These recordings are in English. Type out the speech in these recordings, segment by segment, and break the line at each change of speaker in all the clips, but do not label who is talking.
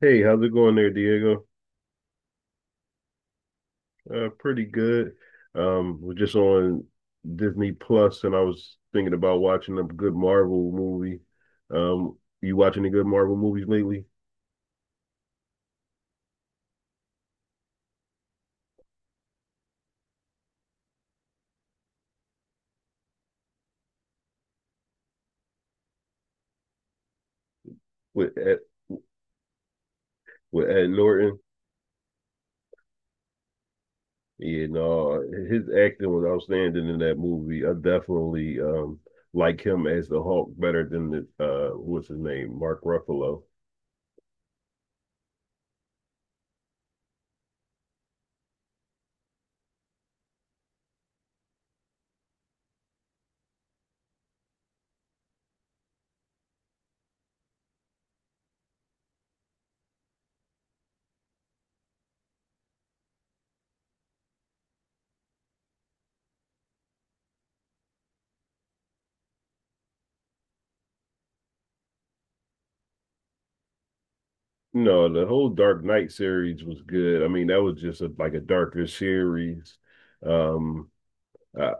Hey, how's it going there, Diego? Pretty good. We're just on Disney Plus, and I was thinking about watching a good Marvel movie. Um, you watching any good Marvel movies lately with with Ed Norton? Yeah, no, his acting was outstanding in that movie. I definitely like him as the Hulk better than the what's his name, Mark Ruffalo. No, the whole Dark Knight series was good. I mean, that was just like a darker series. Um, Uh,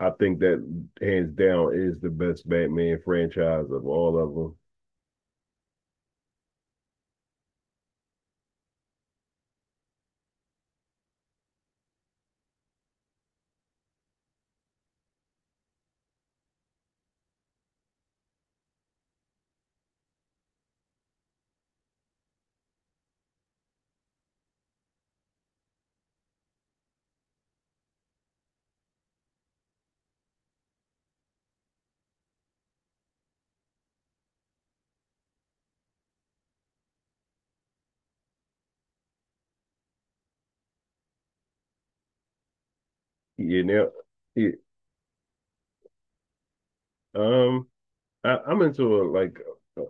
I think that hands down is the best Batman franchise of all of them. You know, yeah, um, I'm into like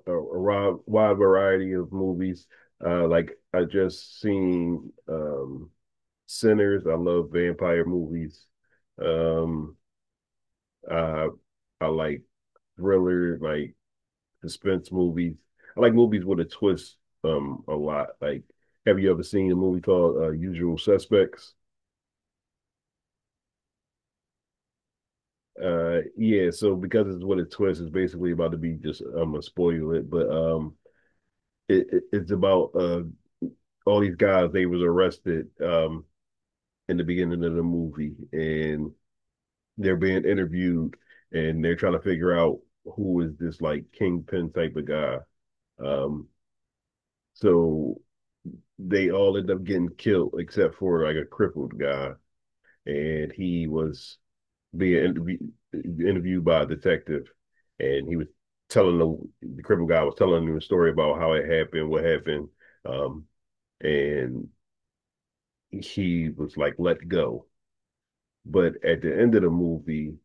a wide variety of movies. Like I just seen Sinners. I love vampire movies. Um, uh, I like thriller, like suspense movies. I like movies with a twist a lot. Like, have you ever seen a movie called Usual Suspects? Yeah. So because it's what a twist, it's basically about to be just. I'm gonna spoil it, but it's about all these guys. They was arrested in the beginning of the movie, and they're being interviewed, and they're trying to figure out who is this like kingpin type of guy. Um, so they all end up getting killed except for like a crippled guy, and he was being intervie- interviewed by a detective, and he was telling the cripple guy was telling him a story about how it happened, what happened, um, and he was like let go. But at the end of the movie,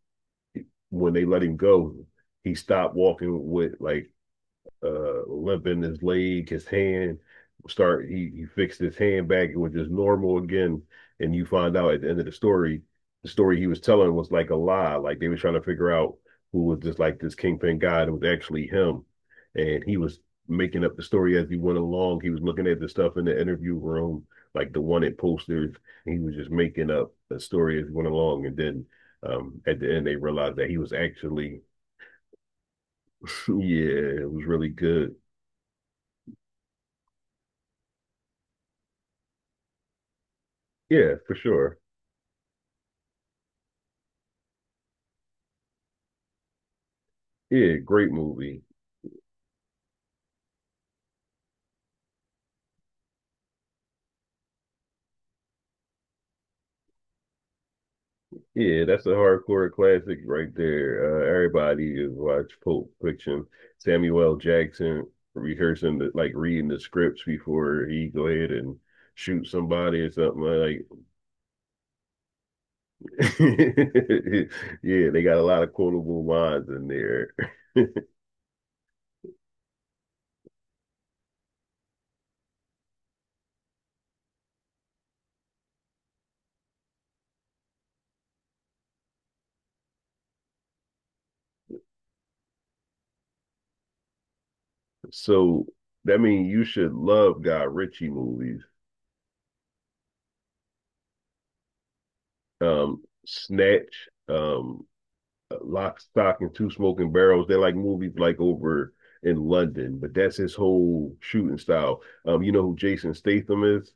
when they let him go, he stopped walking with like limp in his leg, his hand. Start He fixed his hand back, it was just normal again. And you find out at the end of the story he was telling was like a lie. Like they were trying to figure out who was just like this kingpin guy. It was actually him, and he was making up the story as he went along. He was looking at the stuff in the interview room, like the wanted posters. And he was just making up a story as he went along, and then at the end they realized that he was actually yeah, it was really good. Yeah, for sure. Yeah, great movie. Yeah, that's a hardcore classic right there. Everybody is watch Pulp Fiction. Samuel L. Jackson rehearsing like reading the scripts before he go ahead and shoot somebody or something like. Yeah, they got a lot of quotable lines in there. So that means you should love Guy Ritchie movies. Snatch. Lock, Stock, and Two Smoking Barrels. They're like movies like over in London, but that's his whole shooting style. You know who Jason Statham is?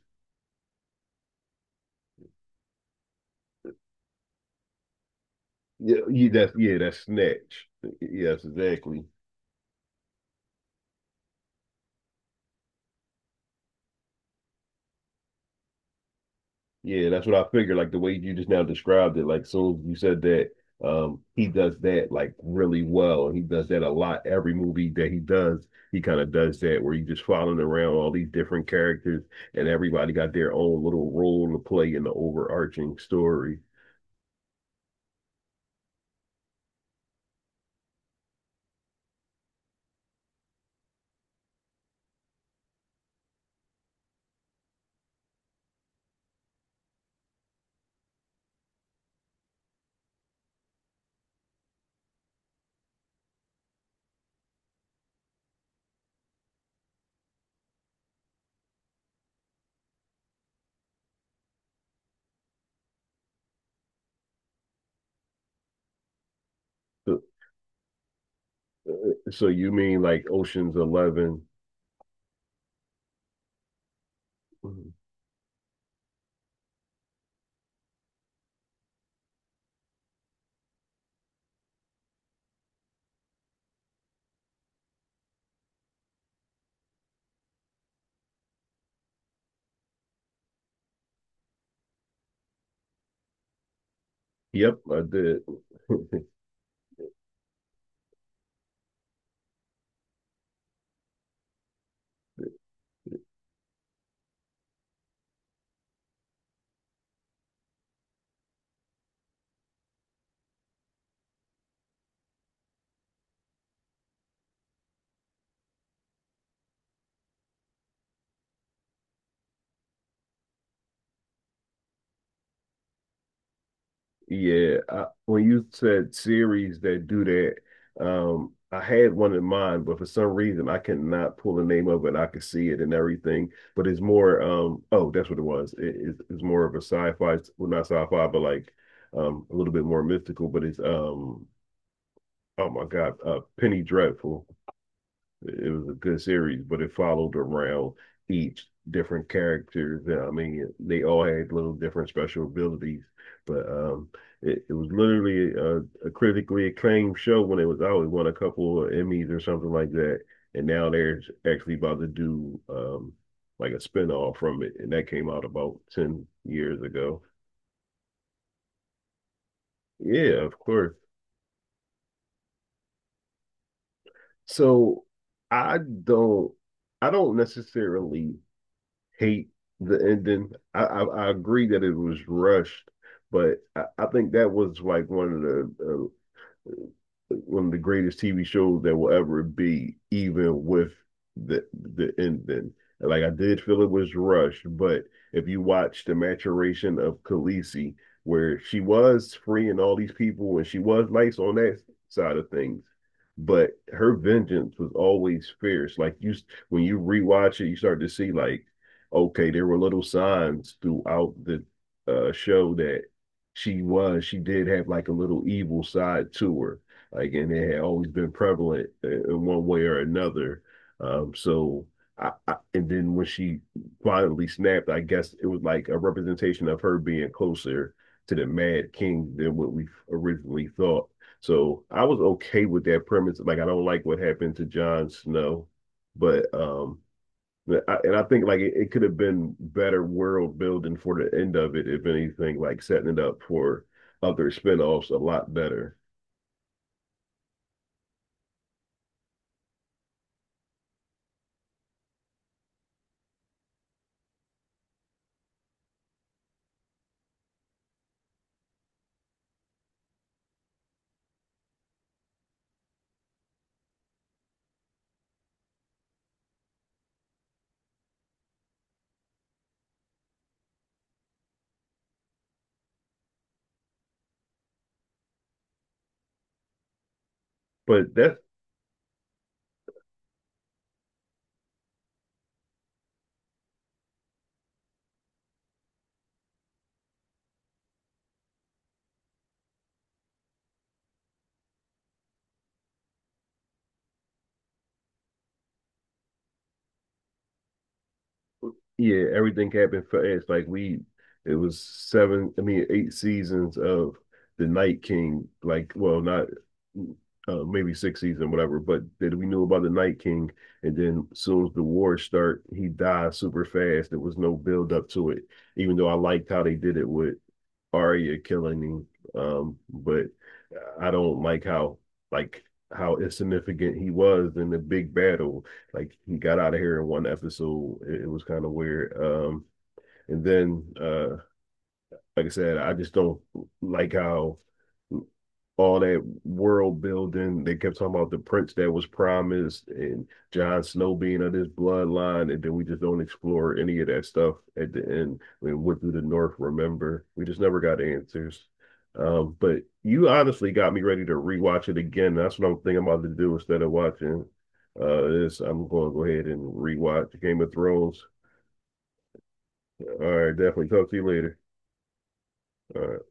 Yeah, that's Snatch. Yes, exactly. Yeah, that's what I figured. Like the way you just now described it, like soon as you said that, he does that like really well, and he does that a lot. Every movie that he does, he kind of does that where he's just following around all these different characters, and everybody got their own little role to play in the overarching story. So you mean like Ocean's Eleven? Mhm. Yep, I did. Yeah, I, when you said series that do that, I had one in mind, but for some reason I cannot pull the name of it. I could see it and everything, but it's more, oh, that's what it was. It's more of a sci-fi, well, not sci-fi, but like a little bit more mystical. But it's oh my God, Penny Dreadful. It was a good series, but it followed around each different character. I mean, they all had little different special abilities, but it was literally a critically acclaimed show when it was out. It won a couple of Emmys or something like that, and now they're actually about to do like a spinoff from it, and that came out about 10 years ago. Yeah, of course. So I don't I don't necessarily hate the ending. I agree that it was rushed, but I think that was like one of the greatest TV shows that will ever be, even with the ending. Like I did feel it was rushed, but if you watch the maturation of Khaleesi, where she was freeing all these people and she was nice on that side of things, but her vengeance was always fierce. Like you, when you rewatch it, you start to see like, okay, there were little signs throughout the show that she did have like a little evil side to her like and it had always been prevalent in one way or another. Um, so I and then when she finally snapped, I guess it was like a representation of her being closer to the Mad King than what we originally thought. So I was okay with that premise. Like I don't like what happened to Jon Snow, but I, and I think like it could have been better world building for the end of it, if anything, like setting it up for other spinoffs a lot better. But that's Yeah, everything happened fast. Like we, it was seven. I mean, eight seasons of the Night King. Like, well, not maybe six season, whatever. But that we knew about the Night King, and then soon as the war start, he died super fast. There was no build up to it. Even though I liked how they did it with Arya killing him. But I don't like how insignificant he was in the big battle. Like he got out of here in one episode. It was kind of weird. And then Like I said, I just don't like how all that world building. They kept talking about the prince that was promised and John Snow being of this bloodline, and then we just don't explore any of that stuff at the end. We went through the North, remember? We just never got answers. But you honestly got me ready to rewatch it again. That's what I'm thinking about to do instead of watching this. I'm going to go ahead and rewatch Game of Thrones. All right, definitely talk to you later. All right.